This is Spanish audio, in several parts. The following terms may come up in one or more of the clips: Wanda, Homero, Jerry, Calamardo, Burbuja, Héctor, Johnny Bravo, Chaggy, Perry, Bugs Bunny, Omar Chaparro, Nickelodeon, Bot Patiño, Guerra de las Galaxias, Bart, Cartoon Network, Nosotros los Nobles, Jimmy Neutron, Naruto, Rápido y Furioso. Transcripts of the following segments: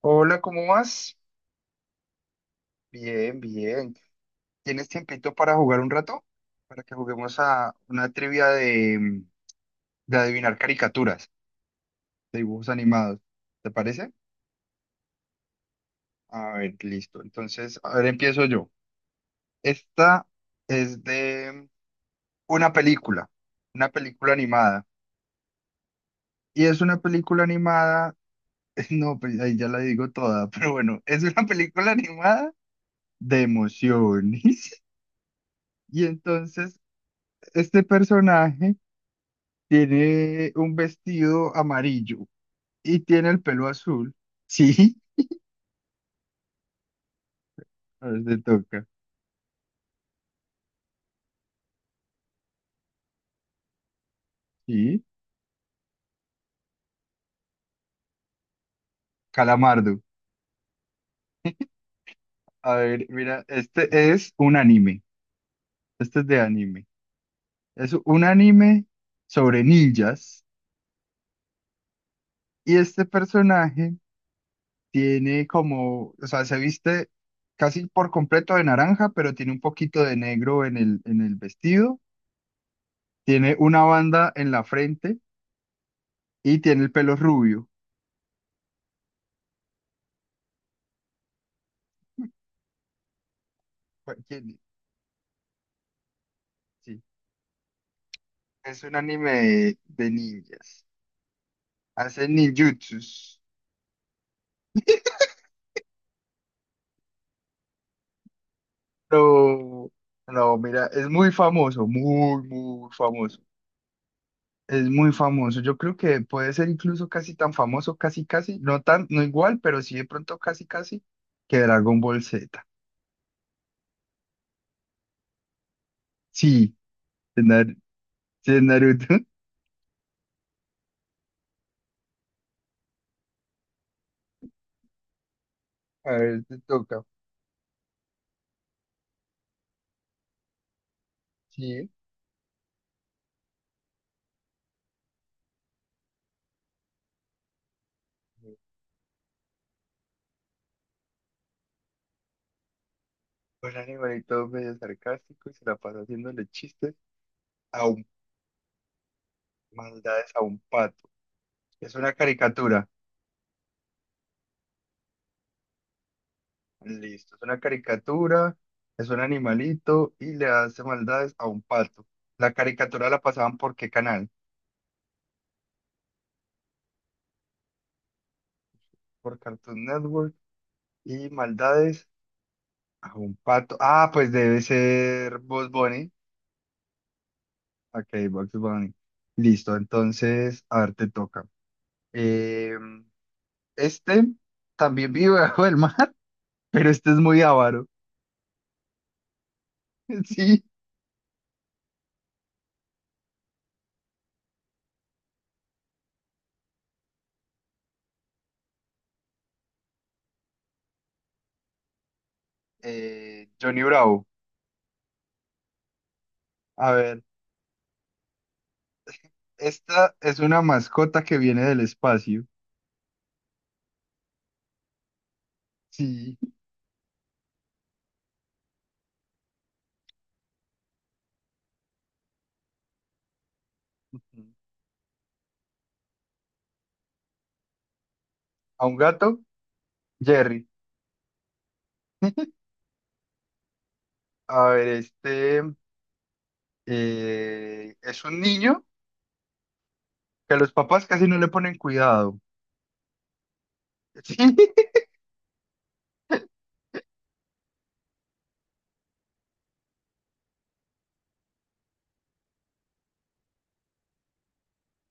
Hola, ¿cómo vas? Bien, bien. ¿Tienes tiempito para jugar un rato? Para que juguemos a una trivia de, de adivinar caricaturas, de dibujos animados. ¿Te parece? A ver, listo. Entonces, a ver, empiezo yo. Esta es de una película, una película animada. Y es una película animada, no, pues ahí ya la digo toda, pero bueno, es una película animada de emociones. Y entonces, este personaje... Tiene un vestido amarillo y tiene el pelo azul. Sí, a ver, te toca. Sí, Calamardo. A ver, mira, este es un anime. Este es de anime. Es un anime sobre ninjas y este personaje tiene como, o sea, se viste casi por completo de naranja, pero tiene un poquito de negro en el vestido. Tiene una banda en la frente y tiene el pelo rubio. Pues, ¿quién? Sí. Es un anime de ninjas. Hacen ninjutsus. no no, mira, es muy famoso, muy, muy famoso. Es muy famoso. Yo creo que puede ser incluso casi tan famoso, casi, casi, no tan, no igual, pero sí de pronto casi, casi, que Dragon Ball Z. Sí, de, Nar- sí, de Naruto. A ver, te toca. Sí. Un animalito medio sarcástico y se la pasa haciéndole chistes a un, maldades a un pato. Es una caricatura. Listo, es una caricatura, es un animalito y le hace maldades a un pato. ¿La caricatura la pasaban por qué canal? Por Cartoon Network y maldades a un pato. Ah, pues debe ser Bugs Bunny. Ok, Bugs Bunny. Listo, entonces, a ver, te toca. Eh, este también vive bajo el mar, pero este es muy avaro. Sí, Johnny Bravo. A ver, esta es una mascota que viene del espacio. Sí. A un gato, Jerry. A ver, este es un niño que los papás casi no le ponen cuidado. Sí.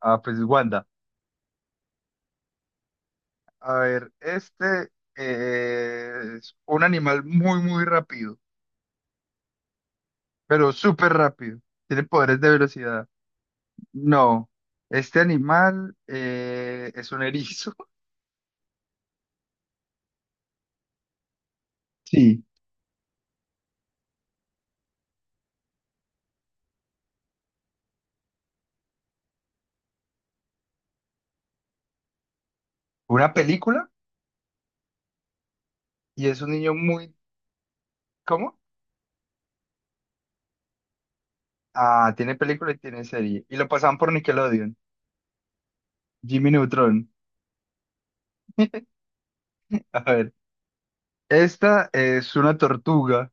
Ah, pues Wanda. A ver, este es un animal muy, muy rápido, pero súper rápido. Tiene poderes de velocidad. No, este animal es un erizo. Sí. Una película y es un niño muy... ¿Cómo? Ah, tiene película y tiene serie. Y lo pasaban por Nickelodeon. Jimmy Neutron. A ver, esta es una tortuga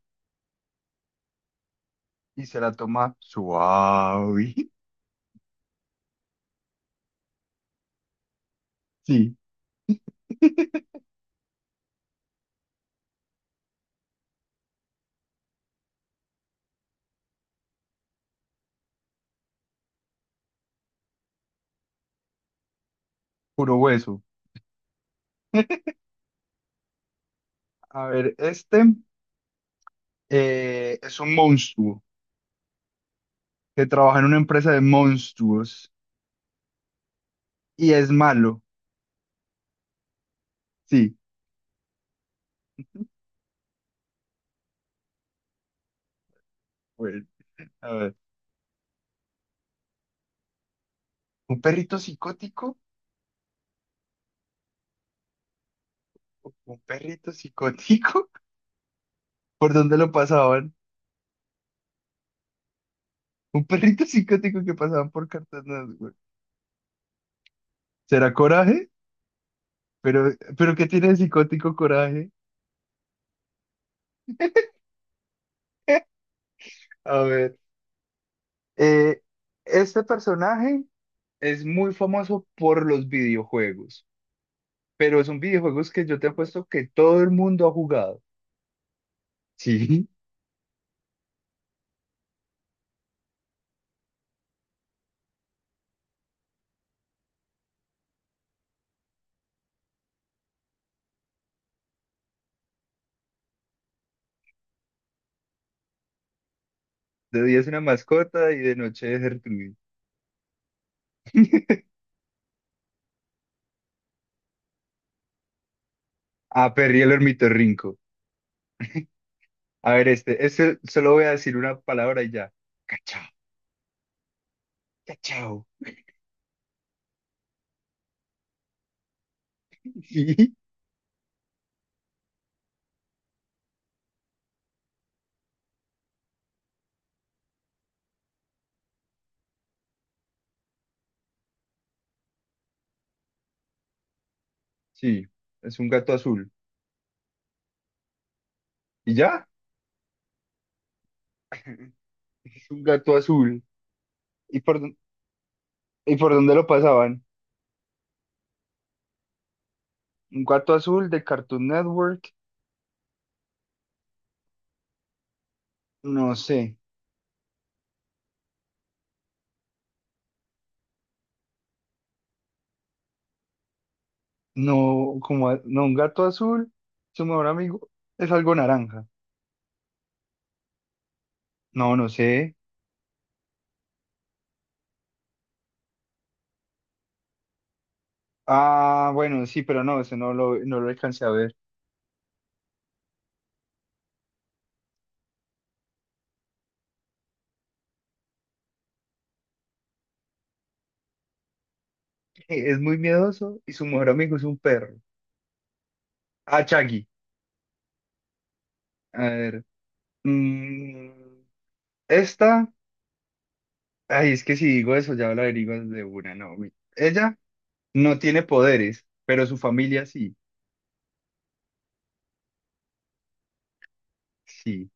y se la toma suave. Sí, puro hueso. A ver, este es un monstruo que trabaja en una empresa de monstruos y es malo. Sí, bueno, a ver. ¿Un perrito psicótico? ¿Un perrito psicótico? ¿Por dónde lo pasaban? ¿Un perrito psicótico que pasaban por Cartagena? Güey. ¿Será coraje? ¿Pero, pero qué tiene de psicótico coraje? A ver. Eh, este personaje es muy famoso por los videojuegos, pero son videojuegos que yo te apuesto que todo el mundo ha jugado. Sí, de día es una mascota y de noche es Gertrude. Ah, Perry el ornitorrinco. A ver, este solo voy a decir una palabra y ya. Cachao, cachao. Sí, sí, es un gato azul. ¿Y ya? Es un gato azul. ¿Y por, dó- ¿Y por dónde lo pasaban? Un gato azul de Cartoon Network. No sé. No, como, no, un gato azul, su mejor amigo es algo naranja. No, no sé. Ah, bueno, sí, pero no, ese no lo, no lo alcancé a ver. Es muy miedoso y su mejor amigo es un perro. Ah, Chaggy. A ver. mm, esta. Ay, es que si digo eso ya lo averiguas de una, no. Ella no tiene poderes, pero su familia sí. Sí.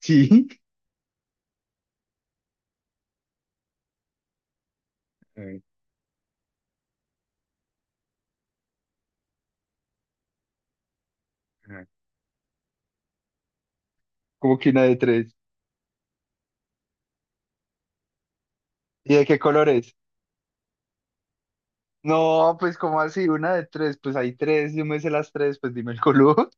Sí. A ver, ajá. Como que una de tres. ¿Y de qué colores? No, pues como así, una de tres, pues hay tres, yo me sé las tres, pues dime el color.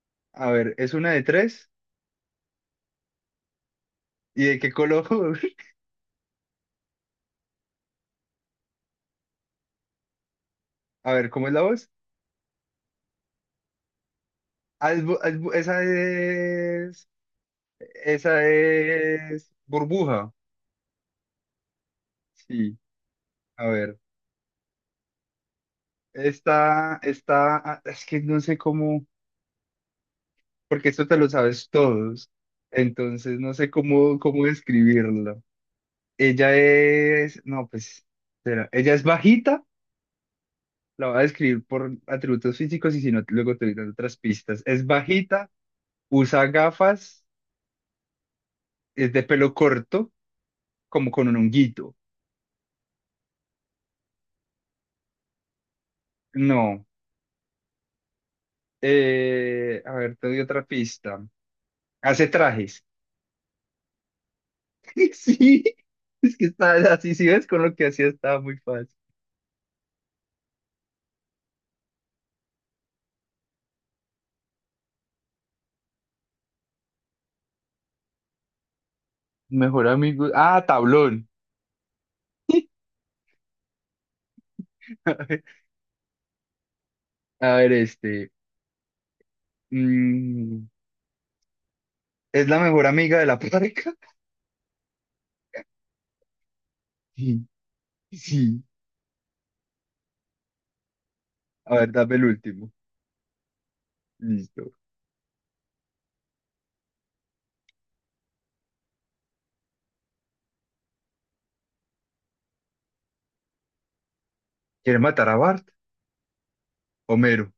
A ver, es una de tres. ¿Y de qué color? A ver, ¿cómo es la voz? Ah, esa es burbuja. Sí, a ver, esta, ah, es que no sé cómo, porque esto te lo sabes todos, entonces no sé cómo, cómo describirlo. Ella es, no, pues, espera, ella es bajita. La voy a describir por atributos físicos y si no, luego te diré otras pistas. Es bajita, usa gafas, es de pelo corto, como con un honguito. No. A ver, te doy otra pista. Hace trajes. Sí, es que está así, si ves con lo que hacía estaba muy fácil. Mejor amigo. Ah, tablón. A ver, a ver, este. mm, es la mejor amiga de la pareja Sí, sí. A ver, dame el último. Listo. ¿Quiere matar a Bart? Homero.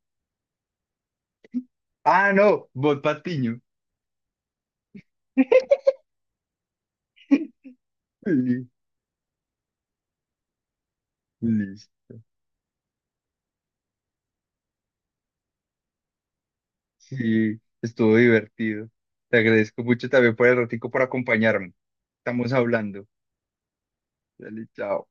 Ah, no, Bot Patiño. Sí, Liz, sí, estuvo divertido. Te agradezco mucho también por el ratico por acompañarme. Estamos hablando. Dale, chao.